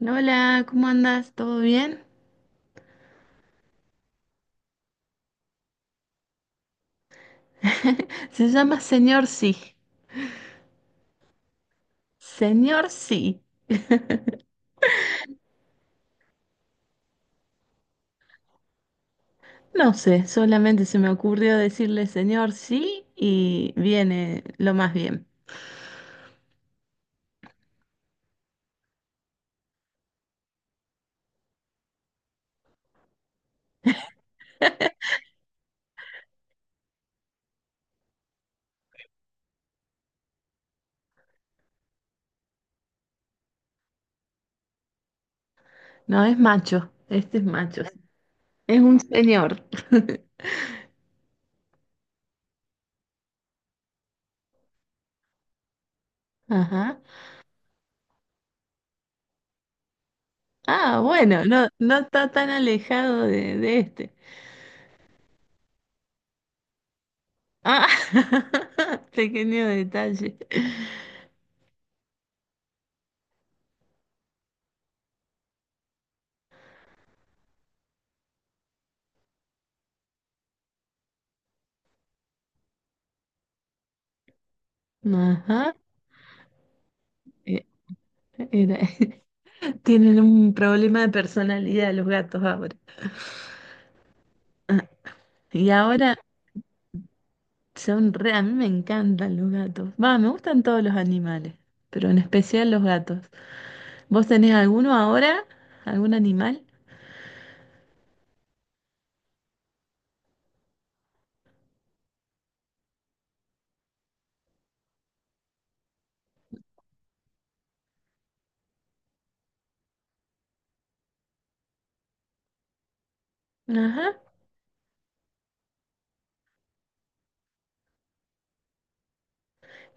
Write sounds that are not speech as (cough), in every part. Hola, ¿cómo andas? ¿Todo bien? (laughs) Se llama Señor Sí. Señor Sí. No sé, solamente se me ocurrió decirle Señor Sí y viene lo más bien. No, es macho, este es macho. Es un señor. (laughs) Ajá. Ah, bueno, no, no está tan alejado de este. Ah, (laughs) pequeño detalle. Ajá. Eh, era- (laughs) Tienen un problema de personalidad los gatos ahora. (laughs) Y ahora son re, a mí me encantan los gatos. Va, me gustan todos los animales, pero en especial los gatos. ¿Vos tenés alguno ahora? ¿Algún animal? Ajá.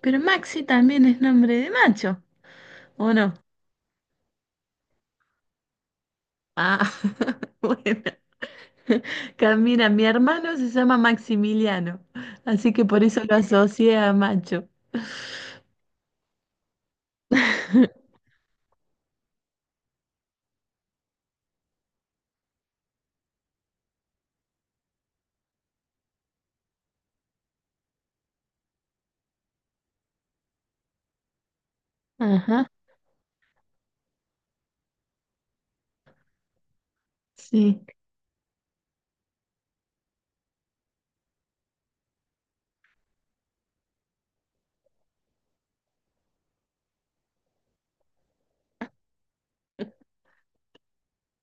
Pero Maxi también es nombre de macho, ¿o no? Ah, (laughs) bueno. Camina, mi hermano se llama Maximiliano, así que por eso lo asocié a macho. (laughs) Ajá, sí,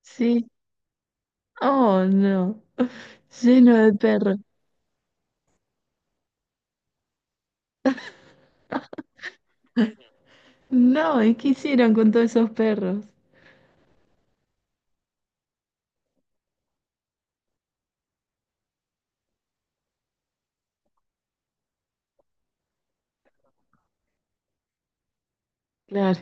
sí. Oh, no. Lleno de perros. No, ¿y qué hicieron con todos esos perros? Claro,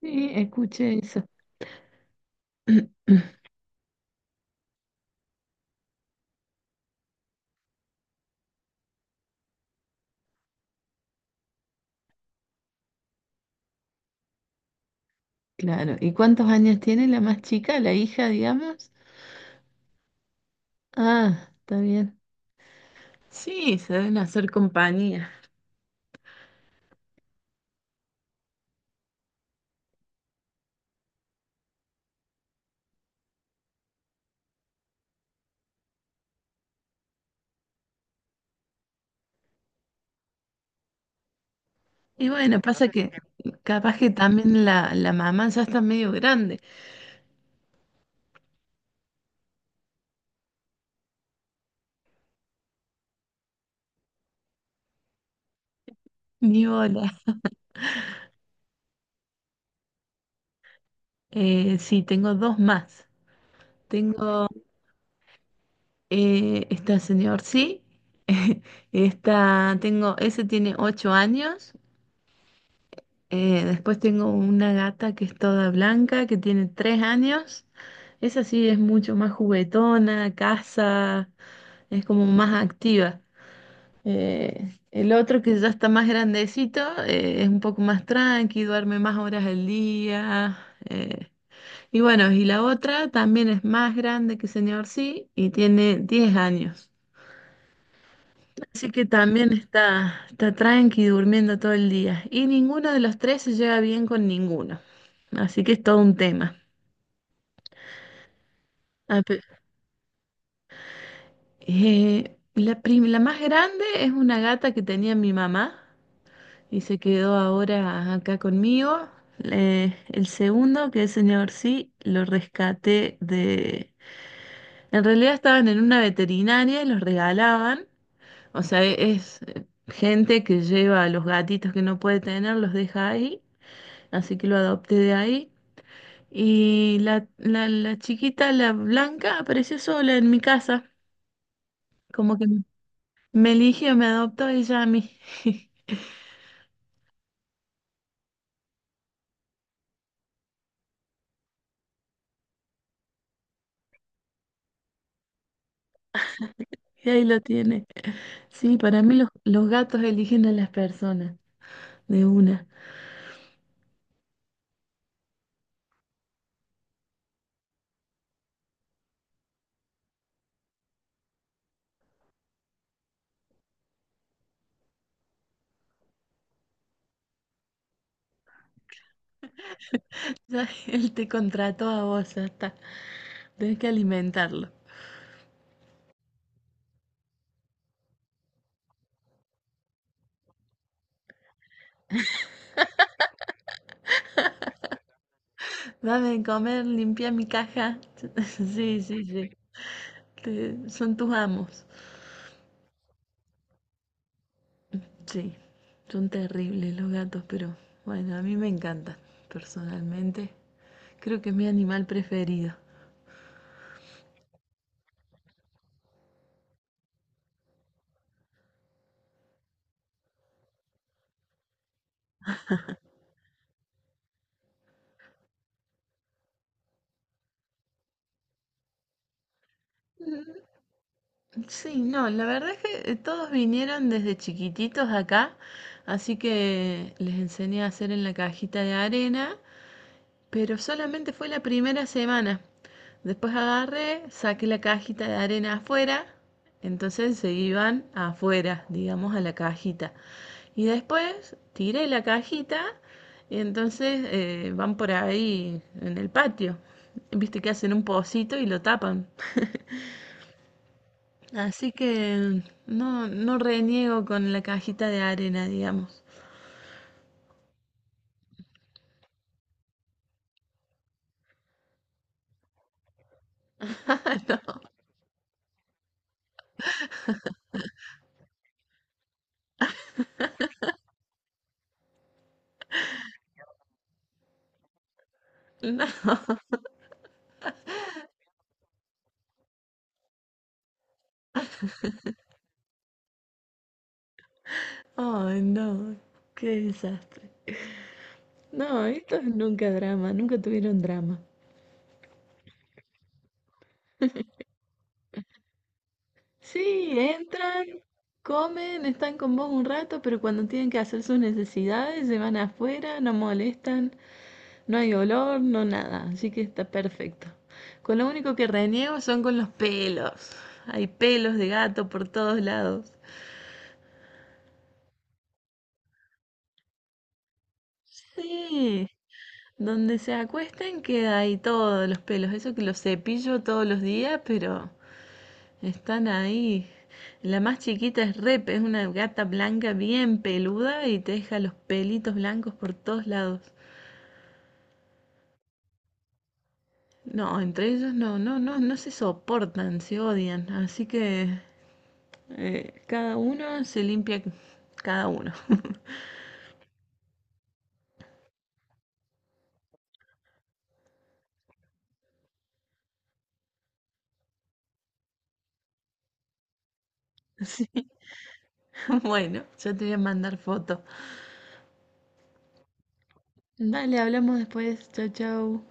sí, escuché eso. (clears throat) Claro, ¿y cuántos años tiene la más chica, la hija, digamos? Ah, está bien. Sí, se deben hacer compañía. Y bueno, pasa que capaz que también la mamá ya está medio grande. Ni bola. Sí, tengo dos más. Tengo esta señor, sí. (laughs) Esta, tengo, ese tiene 8 años. Después tengo una gata que es toda blanca, que tiene 3 años. Esa sí es mucho más juguetona, caza, es como más activa. El otro que ya está más grandecito, es un poco más tranqui, duerme más horas al día. Eh, y bueno, y la otra también es más grande que señor sí y tiene 10 años. Así que también está tranqui durmiendo todo el día. Y ninguno de los tres se lleva bien con ninguno. Así que es todo un tema. Ah, pe- la, la más grande es una gata que tenía mi mamá y se quedó ahora acá conmigo. El segundo, que es señor sí, lo rescaté de... En realidad estaban en una veterinaria y los regalaban. O sea, es gente que lleva a los gatitos que no puede tener, los deja ahí, así que lo adopté de ahí. Y la chiquita, la blanca, apareció sola en mi casa, como que me eligió, me adoptó ella a mí. (laughs) Y ahí lo tiene. Sí, para mí los gatos eligen a las personas, de una. Ya, (laughs) él te contrató a vos, ya está. Tenés que alimentarlo. Dame de comer, limpia mi caja. (laughs) Sí, sí, sí. Te- son tus amos. Sí, son terribles los gatos, pero bueno, a mí me encantan personalmente. Creo que es mi animal preferido. Mm, sí, no, la verdad es que todos vinieron desde chiquititos acá, así que les enseñé a hacer en la cajita de arena. Pero solamente fue la primera semana. Después agarré, saqué la cajita de arena afuera, entonces se iban afuera, digamos, a la cajita. Y después tiré la cajita y entonces van por ahí en el patio. Viste que hacen un pocito y lo tapan. Así que no, no reniego con la cajita de arena, digamos. No. Ay, no, qué desastre. No, esto es nunca drama, nunca tuvieron drama. Sí, entran, comen, están con vos un rato, pero cuando tienen que hacer sus necesidades se van afuera, no molestan, no hay olor, no nada, así que está perfecto. Con lo único que reniego son con los pelos. Hay pelos de gato por todos lados. Sí, donde se acuesten queda ahí todos los pelos, eso que los cepillo todos los días, pero están ahí. La más chiquita es Rep, es una gata blanca bien peluda y te deja los pelitos blancos por todos lados. No, entre ellos no, no, no, no se soportan, se odian. Así que cada uno se limpia cada uno. (laughs) Sí, bueno, yo te voy a mandar foto. Dale, hablamos después. Chau, chau.